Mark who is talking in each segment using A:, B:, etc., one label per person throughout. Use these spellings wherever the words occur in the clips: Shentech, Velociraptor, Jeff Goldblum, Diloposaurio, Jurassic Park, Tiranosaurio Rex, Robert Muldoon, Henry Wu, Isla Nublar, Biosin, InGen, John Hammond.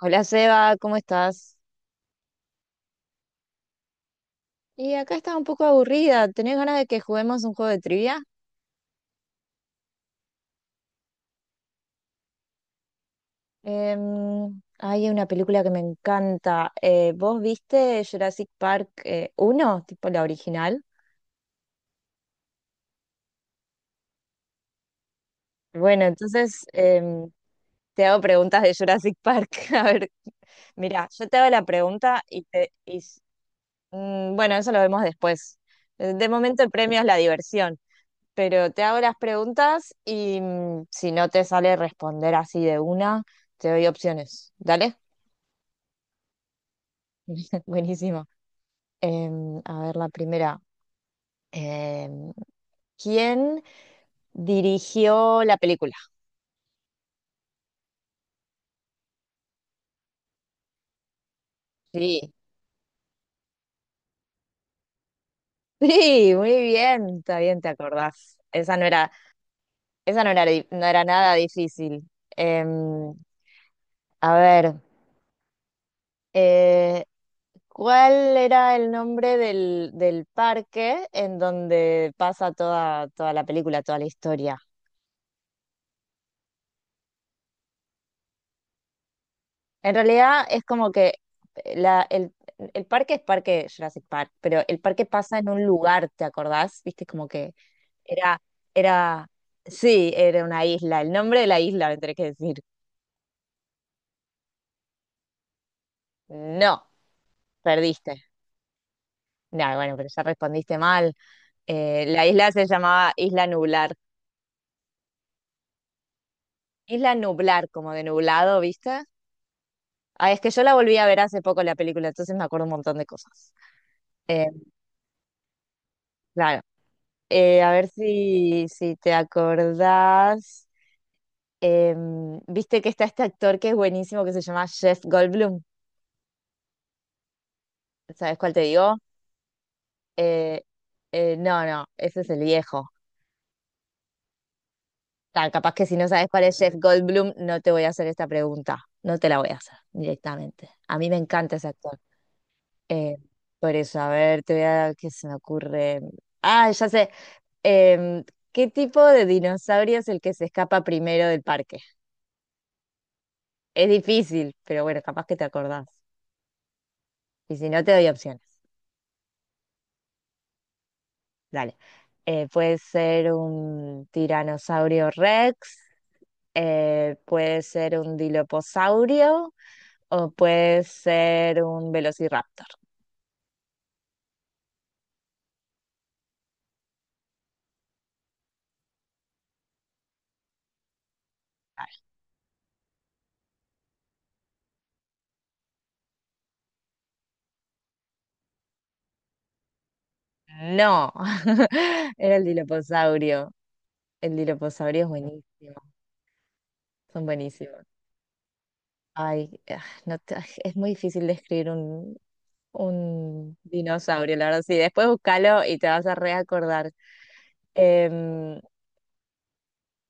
A: Hola Seba, ¿cómo estás? Y acá estaba un poco aburrida. ¿Tenés ganas de que juguemos un juego de trivia? Hay una película que me encanta. ¿Vos viste Jurassic Park 1, tipo la original? Bueno, entonces te hago preguntas de Jurassic Park. A ver, mira, yo te hago la pregunta y te... y s- mm, bueno, eso lo vemos después. De momento el premio es la diversión. Pero te hago las preguntas y si no te sale responder así de una, te doy opciones. ¿Dale? Buenísimo. A ver, la primera. Em, ¿Quién dirigió la película? Sí. Sí, muy bien, está bien, te acordás. Esa no era, di- No era nada difícil. Em, a ver, eh, ¿cuál era el nombre del parque en donde pasa toda la película, toda la historia? En realidad es como que eh, la, el, el parque es parque Jurassic Park, pero el parque pasa en un lugar, ¿te acordás? Viste, como que era, era, sí, era una isla. El nombre de la isla me tenés que decir. No, perdiste. No, bueno, pero ya respondiste mal. La isla se llamaba Isla Nublar. Isla Nublar, como de nublado, ¿viste? Ah, es que yo la volví a ver hace poco la película, entonces me acuerdo un montón de cosas. Eh, claro. A ver si te acordás. Viste que está este actor que es buenísimo que se llama Jeff Goldblum. ¿Sabes cuál te digo? Eh, no, no, ese es el viejo. Ta, capaz que si no sabes cuál es Jeff Goldblum, no te voy a hacer esta pregunta. No te la voy a hacer directamente. A mí me encanta ese actor. Eh, por eso, a ver, te voy a qué se me ocurre. Ah, ya sé. Em, ¿Qué tipo de dinosaurio es el que se escapa primero del parque? Es difícil, pero bueno, capaz que te acordás. Y si no, te doy opciones. Dale. Puede ser un tiranosaurio Rex, puede ser un diloposaurio o puede ser un velociraptor. Ay, no, era el diloposaurio. El diloposaurio es buenísimo. Son buenísimos. Ay, ah, no te- ah, es muy difícil describir un dinosaurio, la verdad. Sí, después búscalo y te vas a reacordar. Em,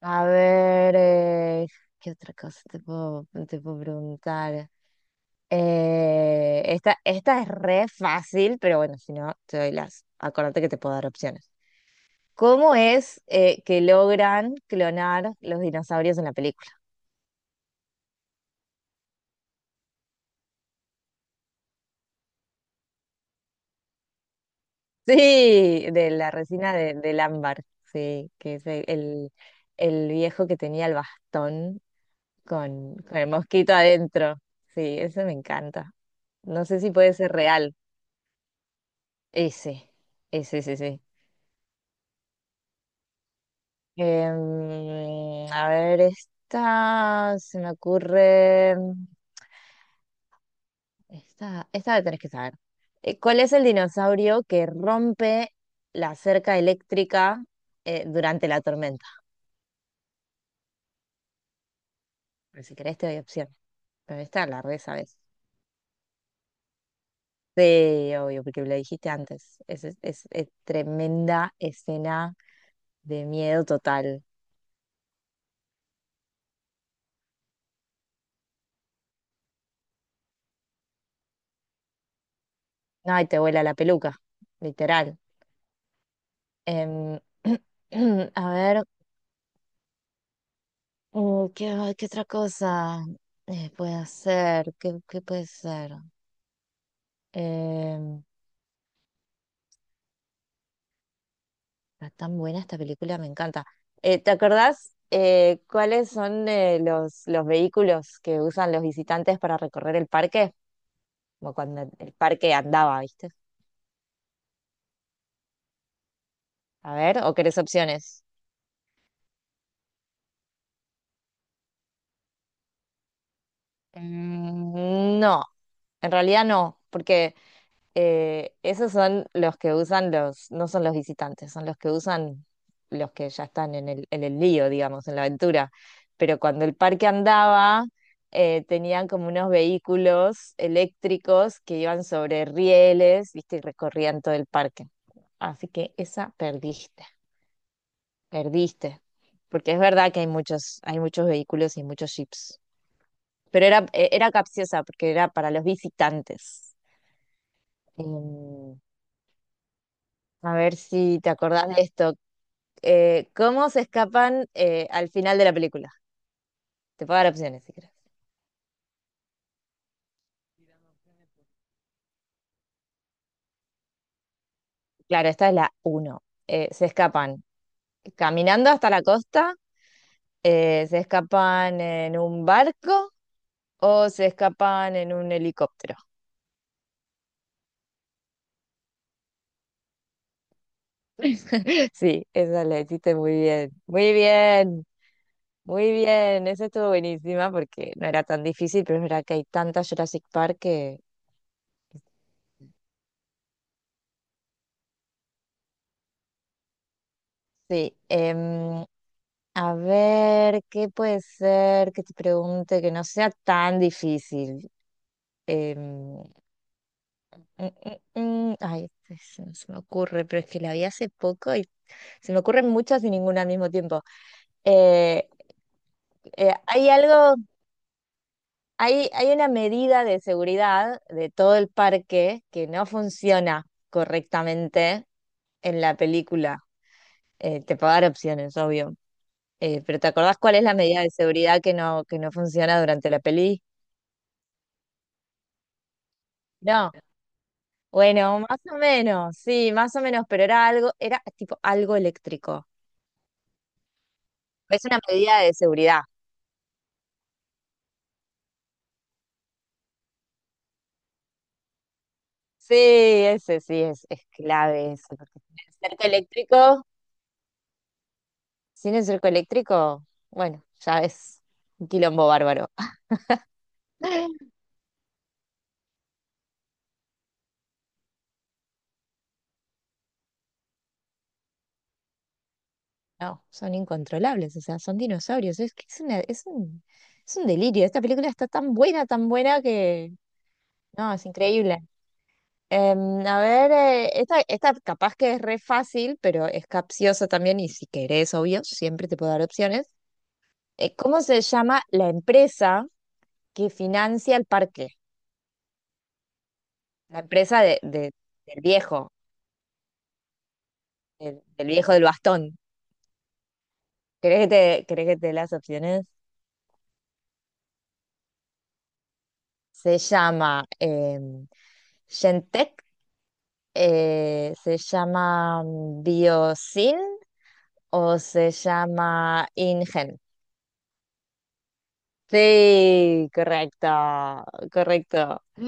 A: a ver, ¿qué otra cosa te puedo preguntar? Esta esta, es re fácil, pero bueno, si no, te doy las. Acuérdate que te puedo dar opciones. ¿Cómo es que logran clonar los dinosaurios en la película? Sí, de la resina del ámbar, sí, que es el viejo que tenía el bastón con el mosquito adentro. Sí, eso me encanta. No sé si puede ser real. Ese, ese, sí. A ver, esta se me ocurre. Esta la tenés que saber. ¿Cuál es el dinosaurio que rompe la cerca eléctrica durante la tormenta? Pero si querés, te doy opción. Pero esta la re sabes. Sí, obvio, porque me lo dijiste antes. Es tremenda escena de miedo total. No, y te vuela la peluca, literal. Em, a ver, qué otra cosa puede hacer? ¿Qué puede ser? Em, Está tan buena esta película, me encanta. ¿Te acordás cuáles son los vehículos que usan los visitantes para recorrer el parque? Como cuando el parque andaba, ¿viste? A ver, ¿o querés opciones? No, en realidad no, porque esos son los que usan no son los visitantes, son los que usan los que ya están en el lío, digamos, en la aventura. Pero cuando el parque andaba, tenían como unos vehículos eléctricos que iban sobre rieles, ¿viste? Y recorrían todo el parque. Así que esa perdiste, perdiste. Porque es verdad que hay muchos vehículos y muchos jeeps. Pero era capciosa porque era para los visitantes. Em, a ver si te acordás de esto. ¿Cómo se escapan al final de la película? Te puedo dar opciones si quieres. Claro, esta es la uno. Se escapan caminando hasta la costa, se escapan en un barco o se escapan en un helicóptero. Sí, esa la hiciste muy bien. Muy bien, muy bien. Esa estuvo buenísima porque no era tan difícil, pero es verdad que hay tanta Jurassic Park que sí. A ver, ¿qué puede ser que te pregunte que no sea tan difícil? Em, mm, mm, Ay, no se me ocurre, pero es que la vi hace poco y se me ocurren muchas y ninguna al mismo tiempo. Eh, ¿Hay algo? Hay una medida de seguridad de todo el parque que no funciona correctamente en la película. Te puedo dar opciones, obvio. Pero ¿te acordás cuál es la medida de seguridad que no funciona durante la peli? No. Bueno, más o menos, sí, más o menos, pero era tipo algo eléctrico. Es una medida de seguridad. Sí, ese sí es clave eso, porque sin el cerco eléctrico. Sin el cerco eléctrico, bueno, ya es un quilombo bárbaro. No, son incontrolables, o sea, son dinosaurios. Es que es un delirio. Esta película está tan buena que... No, es increíble. A ver, esta capaz que es re fácil, pero es capciosa también y si querés, obvio, siempre te puedo dar opciones. ¿Cómo se llama la empresa que financia el parque? La empresa del viejo, del viejo del bastón. ¿Querés que querés que te dé las opciones? Se llama Shentech, se llama Biosin o se llama InGen. Sí, correcto, correcto. A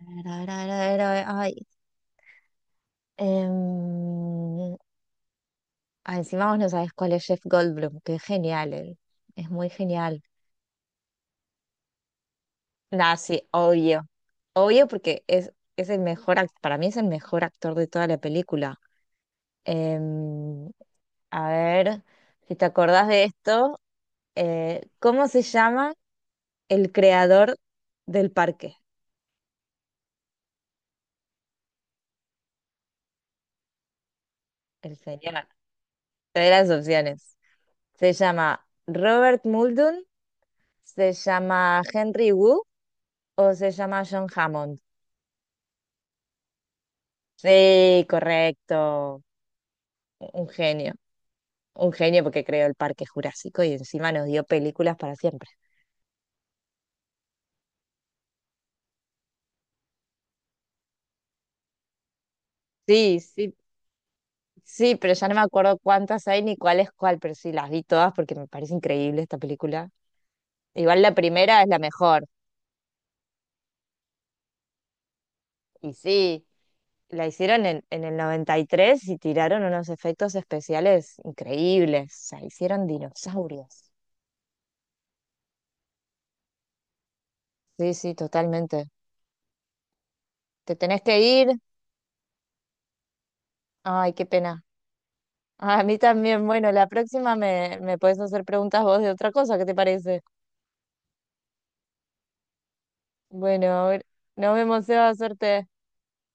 A: ver, a ver, a ver, a ver, a ver, ay, em, encima vos no sabés cuál es Jeff Goldblum, que es genial él, es muy genial. Nah, sí, obvio, obvio porque es para mí es el mejor actor de toda la película. Em, a ver, si te acordás de esto, ¿cómo se llama el creador del parque? El señor. Te doy las opciones. ¿Se llama Robert Muldoon? ¿Se llama Henry Wu? ¿O se llama John Hammond? Sí, correcto. Un genio. Un genio porque creó el Parque Jurásico y encima nos dio películas para siempre. Sí, sí, sí, pero ya no me acuerdo cuántas hay ni cuál es cuál, pero sí, las vi todas porque me parece increíble esta película. Igual la primera es la mejor. Y sí, la hicieron en el 93 y tiraron unos efectos especiales increíbles. O sea, hicieron dinosaurios. Sí, sí, totalmente. ¿Te tenés que ir? Ay, qué pena. Ah, a mí también. Bueno, la próxima me puedes hacer preguntas vos de otra cosa, ¿qué te parece? Bueno, a ver nos vemos, Seba, suerte.